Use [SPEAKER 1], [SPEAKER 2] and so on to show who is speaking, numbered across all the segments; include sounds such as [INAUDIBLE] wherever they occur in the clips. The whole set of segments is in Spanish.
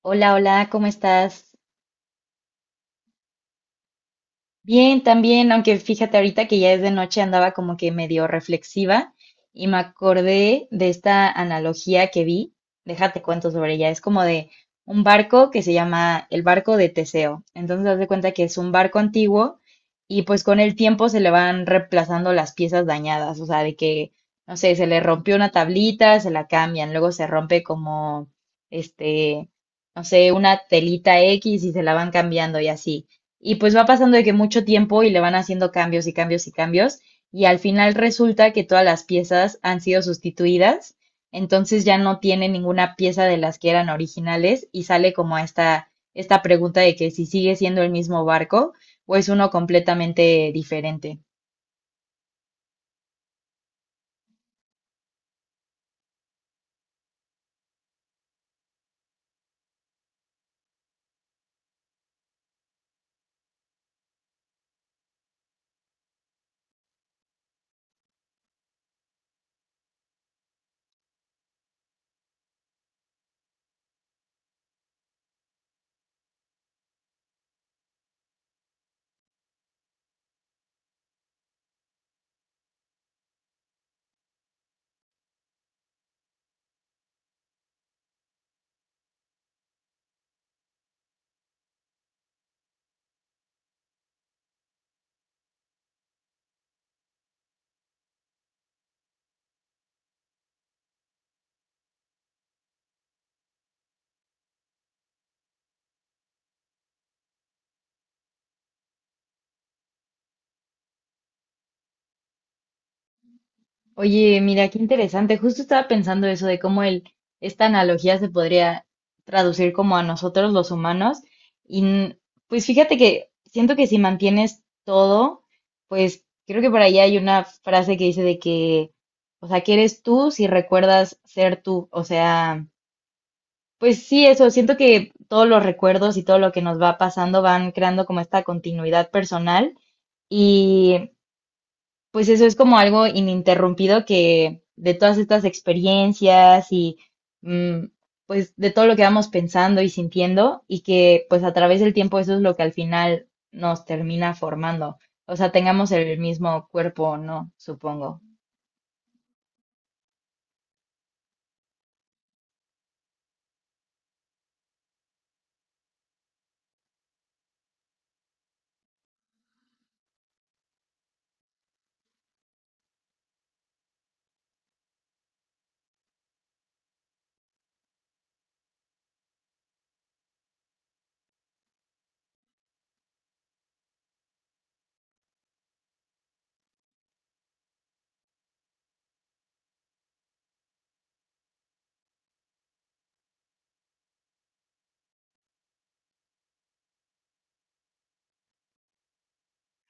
[SPEAKER 1] Hola, hola, ¿cómo estás? Bien, también, aunque fíjate ahorita que ya es de noche, andaba como que medio reflexiva y me acordé de esta analogía que vi. Déjate cuento sobre ella. Es como de un barco que se llama el barco de Teseo. Entonces, haz de cuenta que es un barco antiguo y pues con el tiempo se le van reemplazando las piezas dañadas. O sea, de que, no sé, se le rompió una tablita, se la cambian, luego se rompe como, este, no sé, una telita X y se la van cambiando y así. Y pues va pasando de que mucho tiempo y le van haciendo cambios y cambios y cambios. Y al final resulta que todas las piezas han sido sustituidas. Entonces ya no tiene ninguna pieza de las que eran originales y sale como esta pregunta de que si sigue siendo el mismo barco o es uno completamente diferente. Oye, mira, qué interesante. Justo estaba pensando eso de cómo el, esta analogía se podría traducir como a nosotros los humanos. Y n- pues fíjate que siento que si mantienes todo, pues creo que por ahí hay una frase que dice de que, o sea, que eres tú si recuerdas ser tú. O sea, pues sí, eso, siento que todos los recuerdos y todo lo que nos va pasando van creando como esta continuidad personal, pues eso es como algo ininterrumpido que de todas estas experiencias y mm, pues de todo lo que vamos pensando y sintiendo y que pues a través del tiempo eso es lo que al final nos termina formando. O sea, tengamos el mismo cuerpo o no, supongo.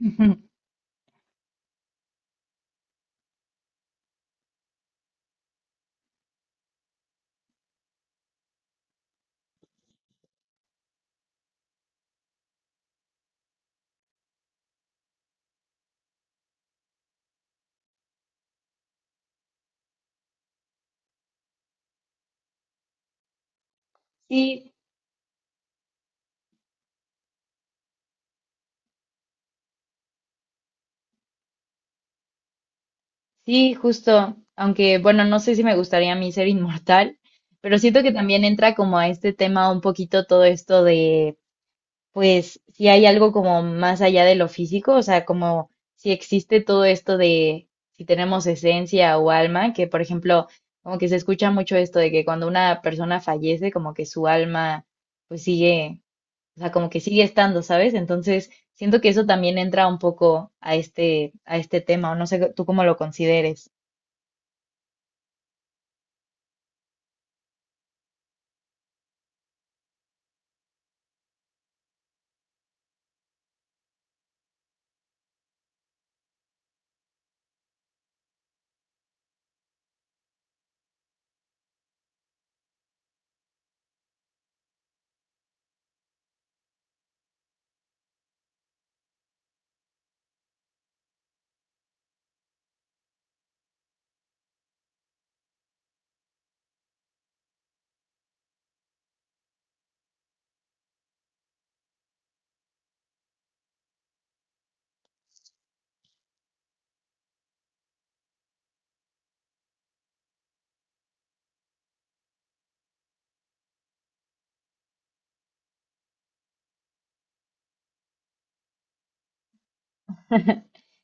[SPEAKER 1] [LAUGHS] Sí, sí, justo. Aunque bueno, no sé si me gustaría a mí ser inmortal, pero siento que también entra como a este tema un poquito todo esto de pues si hay algo como más allá de lo físico, o sea, como si existe todo esto de si tenemos esencia o alma, que por ejemplo, como que se escucha mucho esto de que cuando una persona fallece, como que su alma pues sigue, o sea, como que sigue estando, ¿sabes? Entonces, siento que eso también entra un poco a este tema, o no sé tú cómo lo consideres.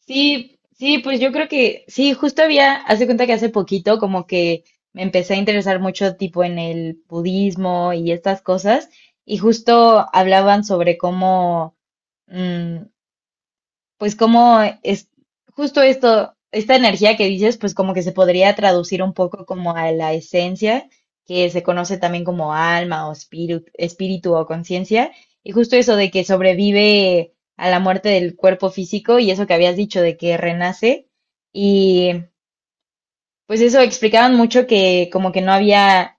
[SPEAKER 1] Sí, sí, pues yo creo que sí, justo había, hace cuenta que hace poquito como que me empecé a interesar mucho tipo en el budismo y estas cosas, y justo hablaban sobre cómo, mm, pues como es justo esto, esta energía que dices, pues como que se podría traducir un poco como a la esencia, que se conoce también como alma o espíritu, espíritu o conciencia, y justo eso de que sobrevive a la muerte del cuerpo físico y eso que habías dicho de que renace, y pues eso explicaban mucho que como que no había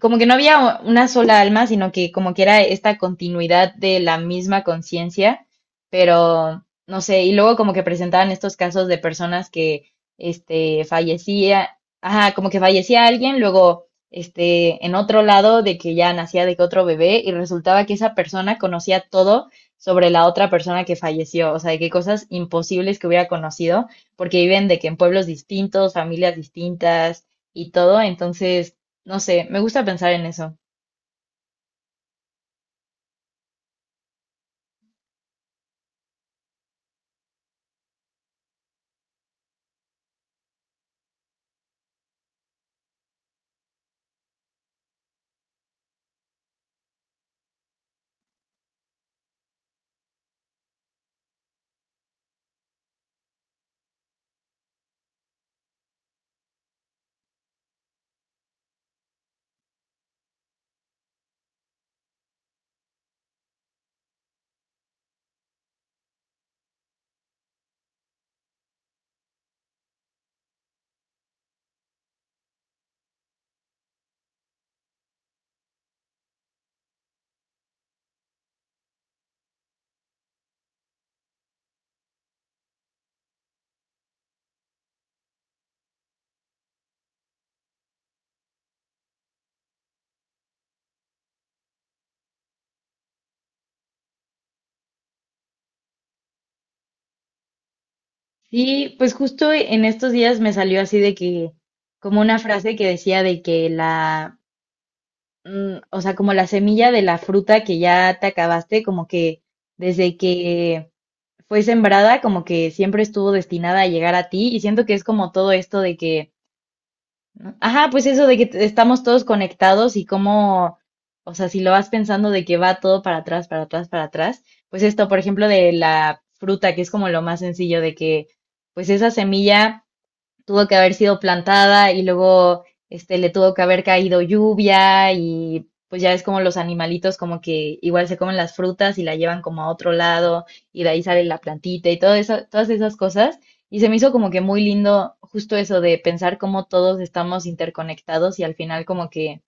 [SPEAKER 1] como que no había una sola alma, sino que como que era esta continuidad de la misma conciencia, pero no sé, y luego como que presentaban estos casos de personas que este fallecía, ajá, como que fallecía alguien, luego este en otro lado de que ya nacía de que otro bebé y resultaba que esa persona conocía todo sobre la otra persona que falleció, o sea, de qué cosas imposibles que hubiera conocido, porque viven de que en pueblos distintos, familias distintas y todo, entonces no sé, me gusta pensar en eso. Y pues justo en estos días me salió así de que, como una frase que decía de que la, o sea, como la semilla de la fruta que ya te acabaste, como que desde que fue sembrada, como que siempre estuvo destinada a llegar a ti. Y siento que es como todo esto de que ¿no? Ajá, pues eso de que estamos todos conectados y cómo, o sea, si lo vas pensando de que va todo para atrás, para atrás, para atrás, pues esto, por ejemplo, de la fruta, que es como lo más sencillo de que, pues esa semilla tuvo que haber sido plantada y luego le tuvo que haber caído lluvia y pues ya es como los animalitos como que igual se comen las frutas y la llevan como a otro lado y de ahí sale la plantita y todo eso, todas esas cosas. Y se me hizo como que muy lindo justo eso de pensar cómo todos estamos interconectados y al final como que,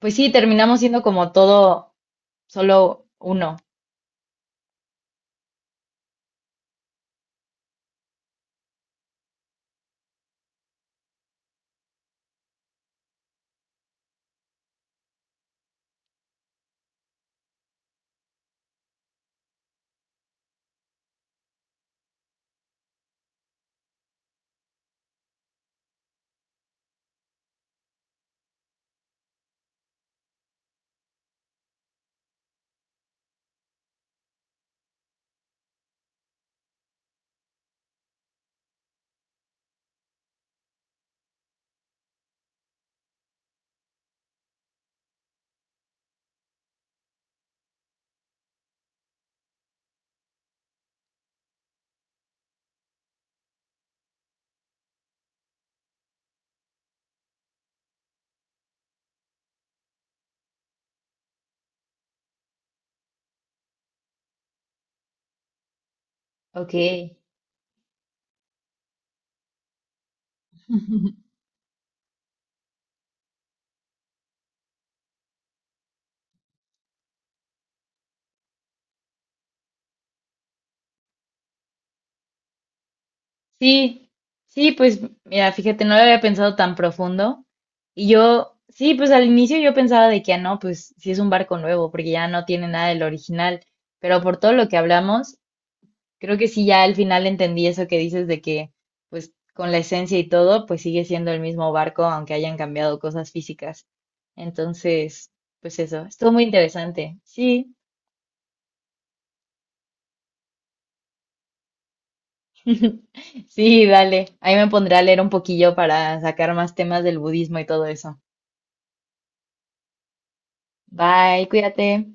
[SPEAKER 1] pues sí, terminamos siendo como todo solo uno. Ok. Sí, sí, pues mira, fíjate, no lo había pensado tan profundo. Y yo, sí, pues al inicio yo pensaba de que, ah, no, pues sí es un barco nuevo, porque ya no tiene nada del original. Pero por todo lo que hablamos, creo que sí ya al final entendí eso que dices de que, pues con la esencia y todo, pues sigue siendo el mismo barco, aunque hayan cambiado cosas físicas. Entonces, pues eso, estuvo muy interesante. Sí, [LAUGHS] sí, dale. Ahí me pondré a leer un poquillo para sacar más temas del budismo y todo eso. Bye, cuídate.